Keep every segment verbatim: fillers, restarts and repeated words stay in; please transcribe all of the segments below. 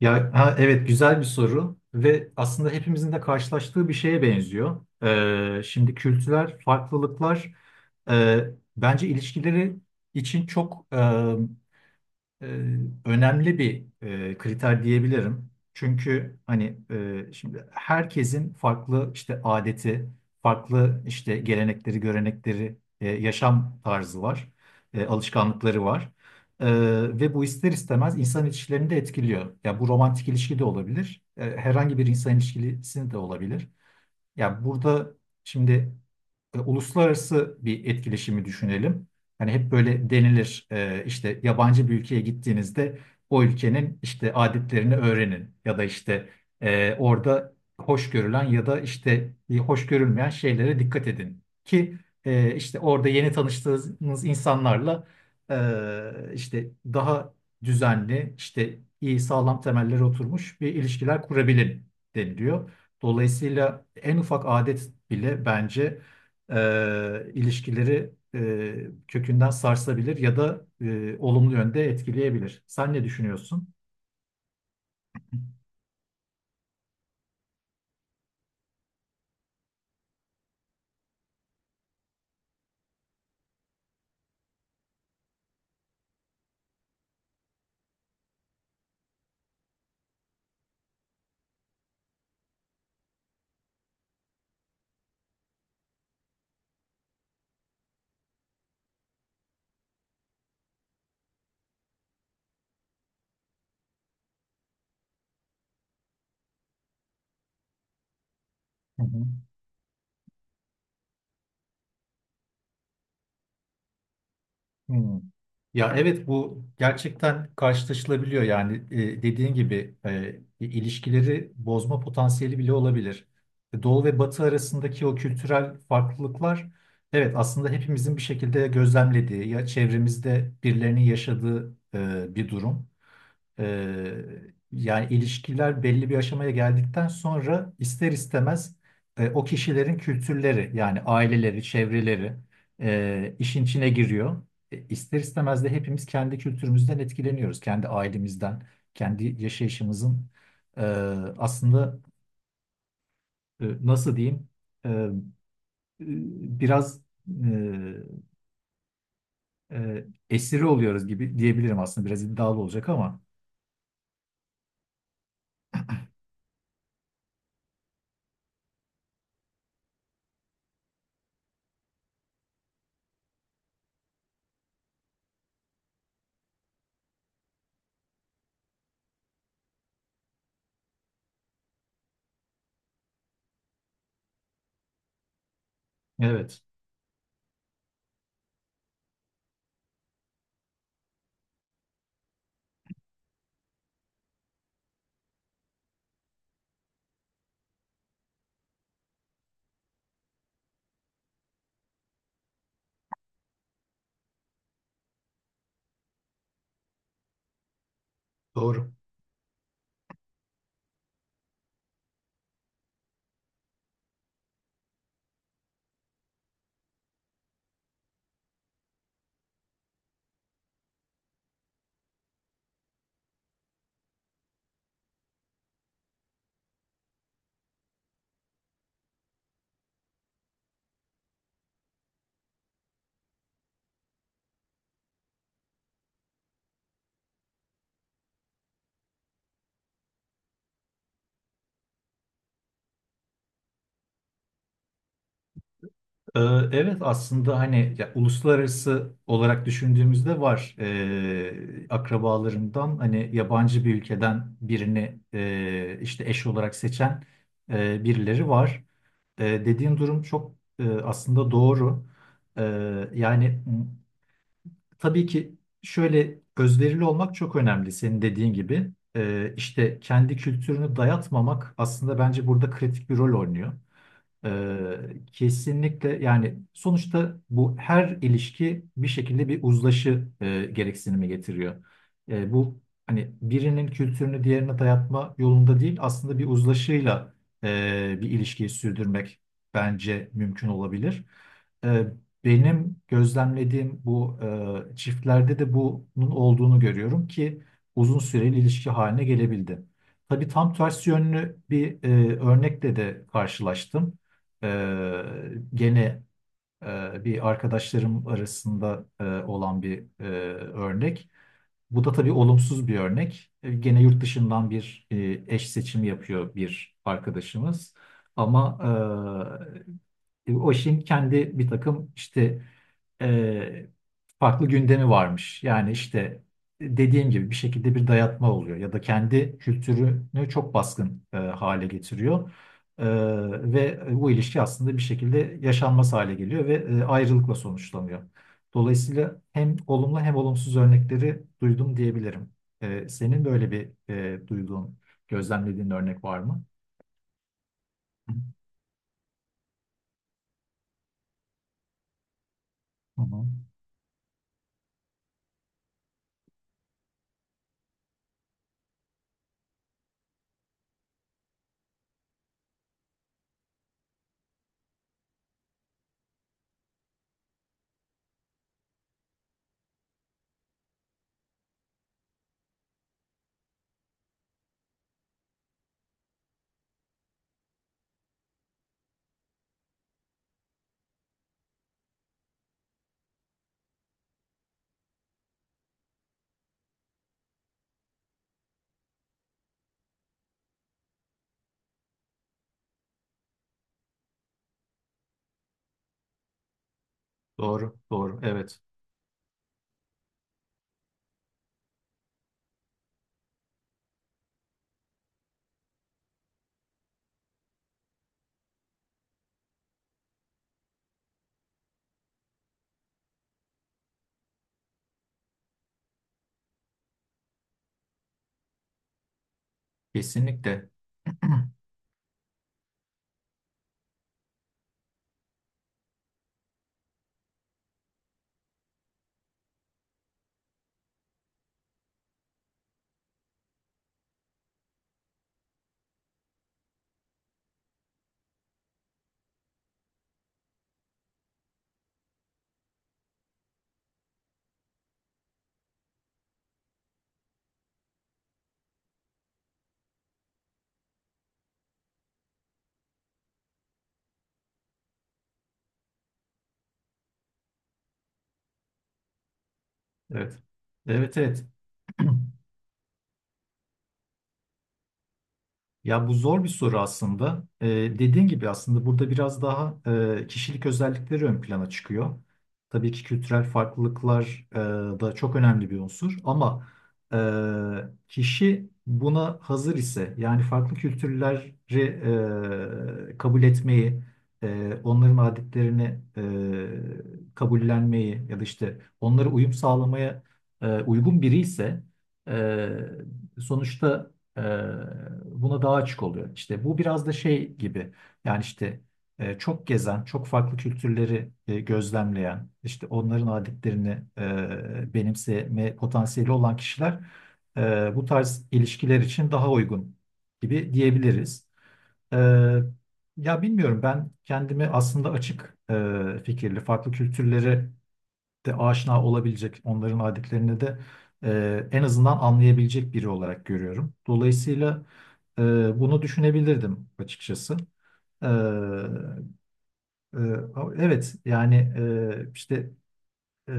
Ya ha, evet güzel bir soru ve aslında hepimizin de karşılaştığı bir şeye benziyor. Ee, şimdi kültürel farklılıklar e, bence ilişkileri için çok e, önemli bir e, kriter diyebilirim. Çünkü hani e, şimdi herkesin farklı işte adeti, farklı işte gelenekleri, görenekleri, e, yaşam tarzı var, e, alışkanlıkları var. E, Ve bu ister istemez insan ilişkilerini de etkiliyor. Ya bu romantik ilişki de olabilir, e, herhangi bir insan ilişkisi de olabilir. Ya burada şimdi e, uluslararası bir etkileşimi düşünelim. Hani hep böyle denilir e, işte yabancı bir ülkeye gittiğinizde o ülkenin işte adetlerini öğrenin ya da işte e, orada hoş görülen ya da işte e, hoş görülmeyen şeylere dikkat edin ki e, işte orada yeni tanıştığınız insanlarla e, işte daha düzenli işte iyi sağlam temellere oturmuş bir ilişkiler kurabilin deniliyor. Dolayısıyla en ufak adet bile bence e, ilişkileri e, kökünden sarsabilir ya da e, olumlu yönde etkileyebilir. Sen ne düşünüyorsun? Hı hı. Hmm. Ya evet bu gerçekten karşılaşılabiliyor yani e, dediğin gibi e, ilişkileri bozma potansiyeli bile olabilir. Doğu ve Batı arasındaki o kültürel farklılıklar evet aslında hepimizin bir şekilde gözlemlediği ya çevremizde birilerinin yaşadığı e, bir durum. Ee, Yani ilişkiler belli bir aşamaya geldikten sonra ister istemez e, o kişilerin kültürleri yani aileleri, çevreleri e, işin içine giriyor. E, ister istemez de hepimiz kendi kültürümüzden etkileniyoruz. Kendi ailemizden, kendi yaşayışımızın e, aslında e, nasıl diyeyim e, e, biraz e, e, esiri oluyoruz gibi diyebilirim aslında biraz iddialı olacak ama. Evet, doğru. Ee, Evet aslında hani ya, uluslararası olarak düşündüğümüzde var. Ee, akrabalarımdan hani yabancı bir ülkeden birini e, işte eş olarak seçen e, birileri var. E, dediğin durum çok e, aslında doğru. E, Yani m, tabii ki şöyle özverili olmak çok önemli senin dediğin gibi. E, işte kendi kültürünü dayatmamak aslında bence burada kritik bir rol oynuyor. Ee, Kesinlikle yani sonuçta bu her ilişki bir şekilde bir uzlaşı e, gereksinimi getiriyor. E, bu hani birinin kültürünü diğerine dayatma yolunda değil aslında bir uzlaşıyla e, bir ilişkiyi sürdürmek bence mümkün olabilir. E, Benim gözlemlediğim bu e, çiftlerde de bunun olduğunu görüyorum ki uzun süreli ilişki haline gelebildi. Tabii tam tersi yönlü bir e, örnekle de karşılaştım. Ee, gene e, bir arkadaşlarım arasında e, olan bir e, örnek. Bu da tabii olumsuz bir örnek. E, Gene yurt dışından bir e, eş seçimi yapıyor bir arkadaşımız. Ama e, e, OŞİ'nin kendi bir takım işte e, farklı gündemi varmış. Yani işte e, dediğim gibi bir şekilde bir dayatma oluyor ya da kendi kültürünü çok baskın e, hale getiriyor. E, Ve bu ilişki aslında bir şekilde yaşanmaz hale geliyor ve e, ayrılıkla sonuçlanıyor. Dolayısıyla hem olumlu hem olumsuz örnekleri duydum diyebilirim. E, senin böyle bir e, duyduğun, gözlemlediğin örnek var mı? Hı hı. Doğru, doğru. Evet, kesinlikle. Evet. Evet, evet. Ya bu zor bir soru aslında. Ee, dediğin gibi aslında burada biraz daha e, kişilik özellikleri ön plana çıkıyor. Tabii ki kültürel farklılıklar e, da çok önemli bir unsur ama e, kişi buna hazır ise yani farklı kültürleri e, kabul etmeyi, e, onların adetlerini e, kabullenmeyi ya da işte onlara uyum sağlamaya e, uygun biri ise e, sonuçta Ee, buna daha açık oluyor. İşte bu biraz da şey gibi yani işte e, çok gezen, çok farklı kültürleri e, gözlemleyen, işte onların adetlerini e, benimseme potansiyeli olan kişiler e, bu tarz ilişkiler için daha uygun gibi diyebiliriz. E, Ya bilmiyorum ben kendimi aslında açık e, fikirli, farklı kültürleri de aşina olabilecek, onların adetlerini de e, en azından anlayabilecek biri olarak görüyorum. Dolayısıyla e, bunu düşünebilirdim açıkçası. E, e, evet yani e, işte ee,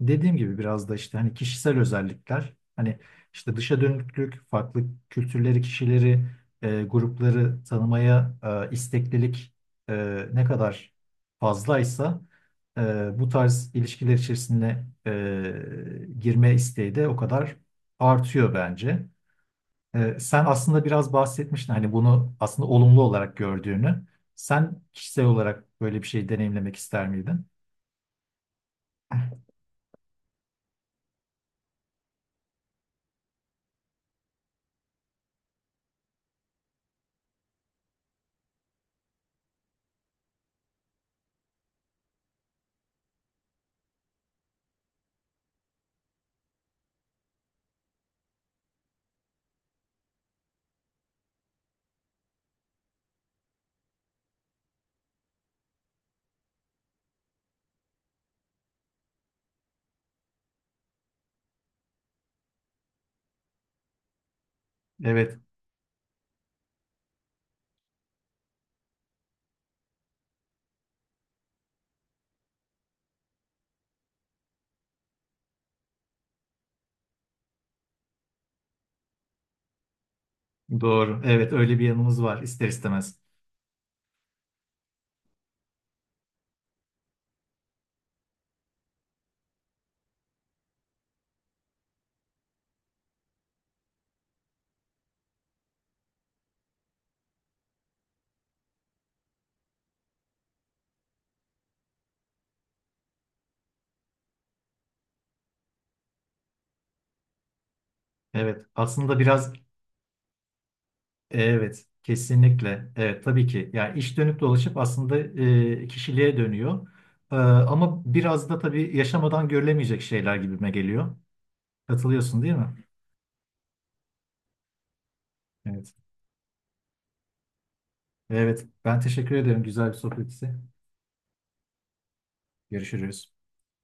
dediğim gibi biraz da işte hani kişisel özellikler hani işte dışa dönüklük, farklı kültürleri, kişileri, e, grupları tanımaya e, isteklilik e, ne kadar fazlaysa e, bu tarz ilişkiler içerisine e, girme isteği de o kadar artıyor bence. E, sen aslında biraz bahsetmiştin hani bunu aslında olumlu olarak gördüğünü. Sen kişisel olarak böyle bir şey deneyimlemek ister miydin? Evet. Doğru. Evet, öyle bir yanımız var ister istemez. Evet aslında biraz evet kesinlikle evet tabii ki yani iş dönüp dolaşıp aslında e, kişiliğe dönüyor. E, ama biraz da tabii yaşamadan görülemeyecek şeyler gibime geliyor. Katılıyorsun değil mi? Evet. Evet ben teşekkür ederim, güzel bir sohbetti. Görüşürüz.